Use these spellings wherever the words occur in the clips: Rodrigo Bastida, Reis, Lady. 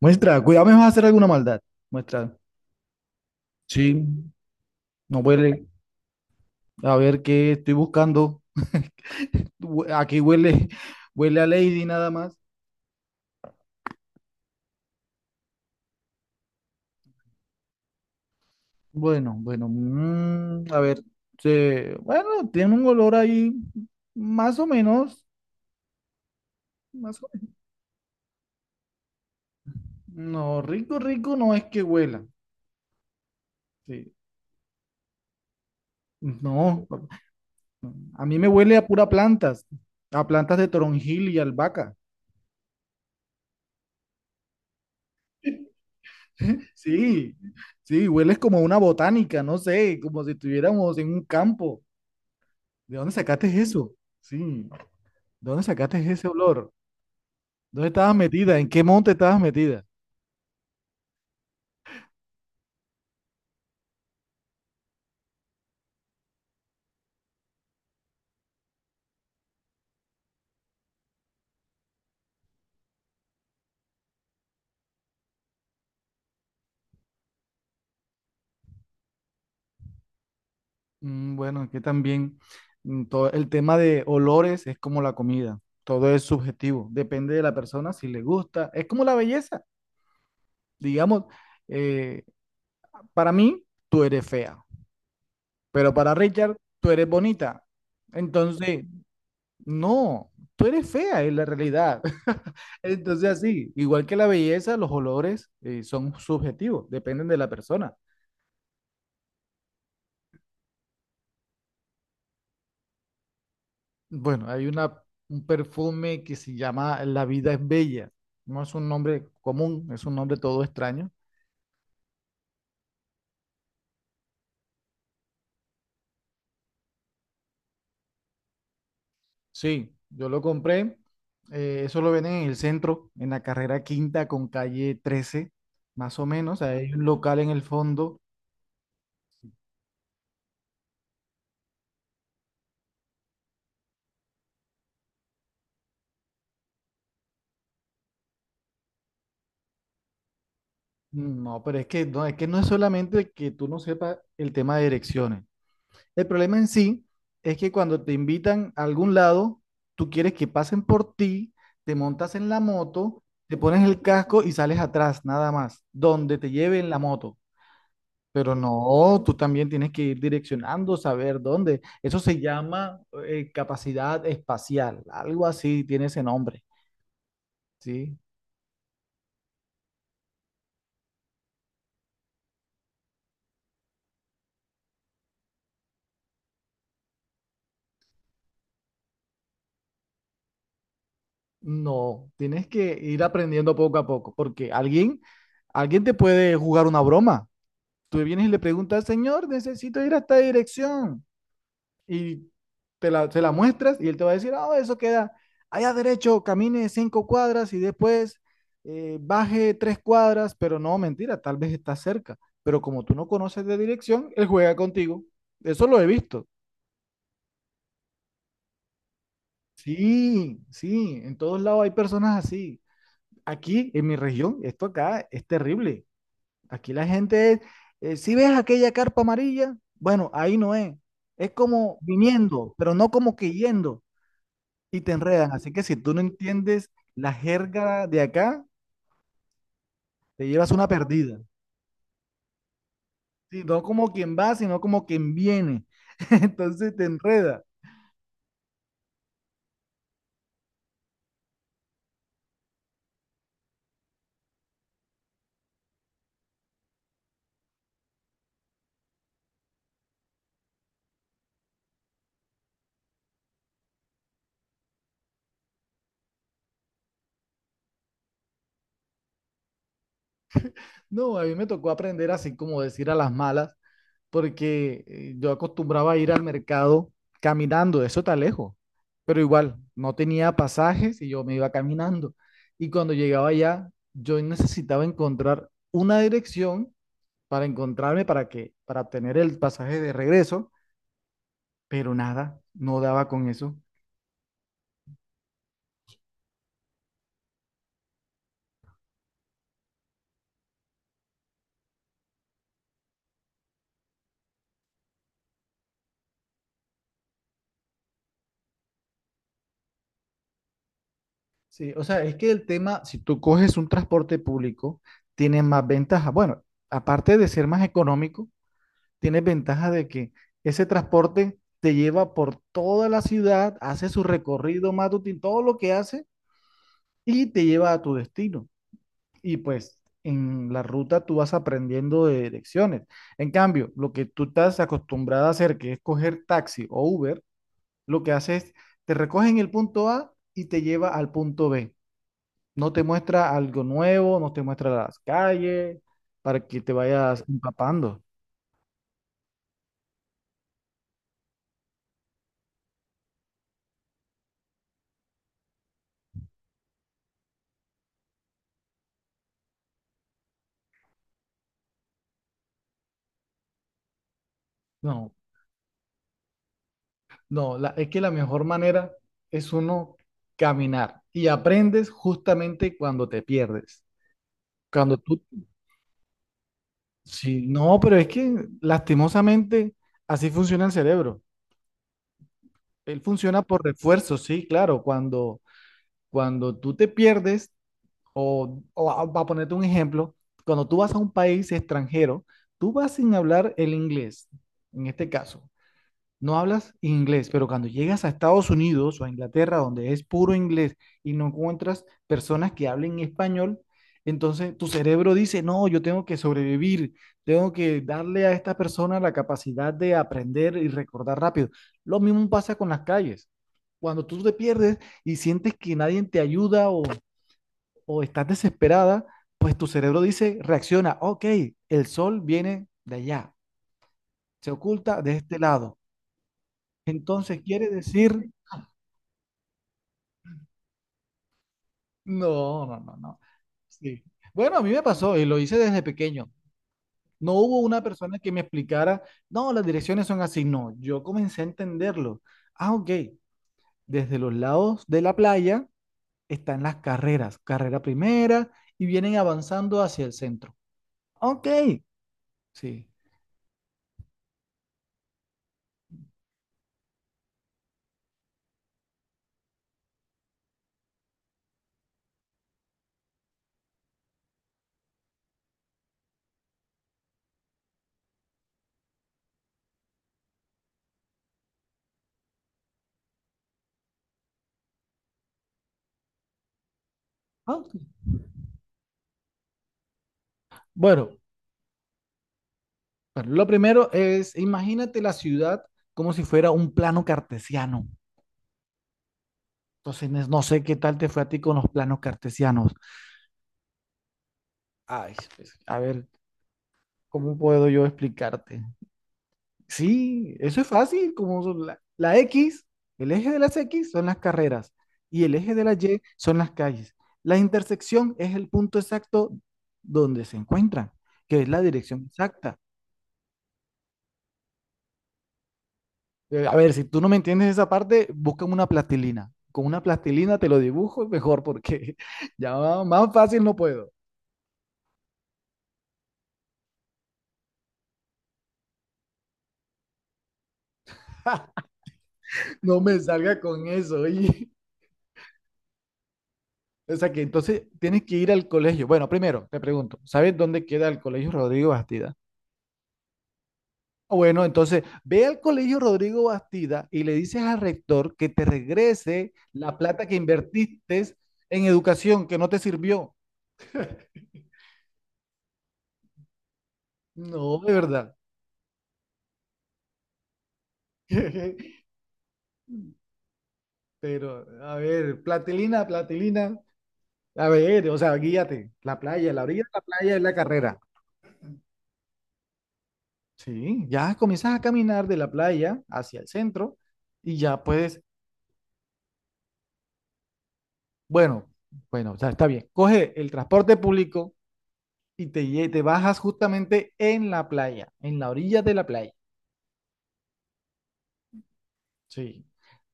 Muestra, cuidado, me vas a hacer alguna maldad. Muestra, sí, no huele. A ver qué estoy buscando. Aquí huele, huele a Lady nada más. Bueno, bueno, a ver. Bueno, tiene un olor ahí más o menos, más o menos. No, rico, rico no es que huela. Sí. No, a mí me huele a pura plantas, a plantas de toronjil y albahaca. Sí, sí, hueles como a una botánica, no sé, como si estuviéramos en un campo. ¿De dónde sacaste eso? Sí, ¿de dónde sacaste ese olor? ¿Dónde estabas metida? ¿En qué monte estabas metida? Bueno, que también todo el tema de olores es como la comida, todo es subjetivo, depende de la persona si le gusta, es como la belleza, digamos, eh, para mí tú eres fea, pero para Richard tú eres bonita. Entonces, no, tú eres fea es la realidad. Entonces, así, igual que la belleza, los olores son subjetivos, dependen de la persona. Bueno, un perfume que se llama La vida es bella. No es un nombre común, es un nombre todo extraño. Sí, yo lo compré. Eso lo venden en el centro, en la carrera quinta con calle 13, más o menos. Hay un local en el fondo. No, pero es que no, es que no es solamente que tú no sepas el tema de direcciones. El problema en sí es que cuando te invitan a algún lado, tú quieres que pasen por ti, te montas en la moto, te pones el casco y sales atrás, nada más, donde te lleven la moto. Pero no, tú también tienes que ir direccionando, saber dónde. Eso se llama capacidad espacial, algo así tiene ese nombre, ¿sí? No, tienes que ir aprendiendo poco a poco, porque alguien te puede jugar una broma. Tú vienes y le preguntas, señor, necesito ir a esta dirección. Y se la muestras y él te va a decir, ah, oh, eso queda allá derecho, camine 5 cuadras y después baje 3 cuadras, pero no, mentira, tal vez está cerca. Pero como tú no conoces de dirección, él juega contigo. Eso lo he visto. Sí, sí, en todos lados hay personas así. Aquí, en mi región, esto acá es terrible. Aquí si ves aquella carpa amarilla, bueno, ahí no es. Es como viniendo, pero no como que yendo y te enredan. Así que si tú no entiendes la jerga de acá, te llevas una perdida. Sí, no como quien va, sino como quien viene. Entonces te enreda. No, a mí me tocó aprender así como decir a las malas porque yo acostumbraba a ir al mercado caminando, eso está lejos, pero igual no tenía pasajes y yo me iba caminando. Y cuando llegaba allá, yo necesitaba encontrar una dirección para encontrarme para que para obtener el pasaje de regreso, pero nada, no daba con eso. Sí, o sea, es que el tema, si tú coges un transporte público, tiene más ventajas. Bueno, aparte de ser más económico, tienes ventaja de que ese transporte te lleva por toda la ciudad, hace su recorrido matutino, todo lo que hace y te lleva a tu destino. Y pues en la ruta tú vas aprendiendo de direcciones. En cambio, lo que tú estás acostumbrado a hacer, que es coger taxi o Uber, lo que hace es te recoge en el punto A y te lleva al punto B. No te muestra algo nuevo, no te muestra las calles para que te vayas empapando. No, es que la mejor manera es uno caminar y aprendes justamente cuando te pierdes. Cuando tú, sí, no, pero es que lastimosamente así funciona el cerebro. Él funciona por refuerzo, sí, claro. Cuando tú te pierdes, para ponerte un ejemplo, cuando tú vas a un país extranjero, tú vas sin hablar el inglés, en este caso. No hablas inglés, pero cuando llegas a Estados Unidos o a Inglaterra, donde es puro inglés y no encuentras personas que hablen español, entonces tu cerebro dice, no, yo tengo que sobrevivir, tengo que darle a esta persona la capacidad de aprender y recordar rápido. Lo mismo pasa con las calles. Cuando tú te pierdes y sientes que nadie te ayuda o estás desesperada, pues tu cerebro dice, reacciona, ok, el sol viene de allá, se oculta de este lado. Entonces quiere decir no, no, no, no. Sí. Bueno, a mí me pasó y lo hice desde pequeño. No hubo una persona que me explicara, no, las direcciones son así. No, yo comencé a entenderlo. Ah, ok. Desde los lados de la playa están las carreras, carrera primera, y vienen avanzando hacia el centro. Ok, sí. Ah, ok. Bueno, bueno, lo primero es, imagínate la ciudad como si fuera un plano cartesiano. Entonces, no sé qué tal te fue a ti con los planos cartesianos. Ay, pues, a ver, ¿cómo puedo yo explicarte? Sí, eso es fácil, como son la X, el eje de las X son las carreras y el eje de la Y son las calles. La intersección es el punto exacto donde se encuentran, que es la dirección exacta. A ver, si tú no me entiendes esa parte, busca una plastilina. Con una plastilina te lo dibujo mejor porque ya más fácil no puedo. No me salga con eso, oye. O sea que entonces tienes que ir al colegio. Bueno, primero te pregunto, ¿sabes dónde queda el colegio Rodrigo Bastida? Ah, bueno, entonces ve al colegio Rodrigo Bastida y le dices al rector que te regrese la plata que invertiste en educación, que no te sirvió. No, de verdad. Pero, a ver, platilina, platilina. A ver, o sea, guíate. La playa, la orilla de la playa es la carrera. Sí, ya comienzas a caminar de la playa hacia el centro y ya puedes bueno, bueno, o sea, está bien. Coge el transporte público y te bajas justamente en la playa, en la orilla de la playa. Sí.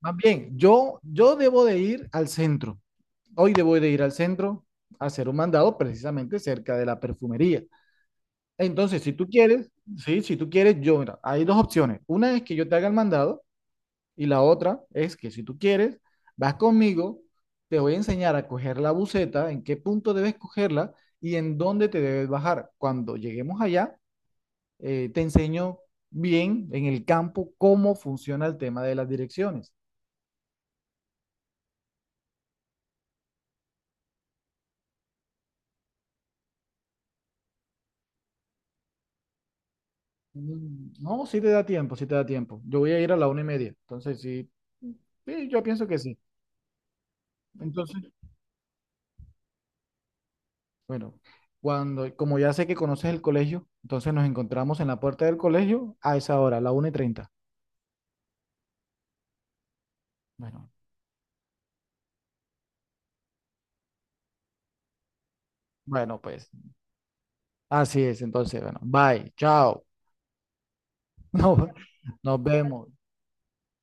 Más bien, yo debo de ir al centro. Hoy debo de ir al centro a hacer un mandado precisamente cerca de la perfumería. Entonces, sí, si tú quieres, yo, mira, hay dos opciones. Una es que yo te haga el mandado. Y la otra es que si tú quieres, vas conmigo, te voy a enseñar a coger la buceta, en qué punto debes cogerla y en dónde te debes bajar. Cuando lleguemos allá, te enseño bien en el campo cómo funciona el tema de las direcciones. No, sí te da tiempo, sí te da tiempo. Yo voy a ir a la 1:30, entonces sí, sí, yo pienso que sí. Entonces, bueno, como ya sé que conoces el colegio, entonces nos encontramos en la puerta del colegio a esa hora, la 1:30. Bueno, bueno, pues así es. Entonces, bueno, bye, chao. No, nos vemos.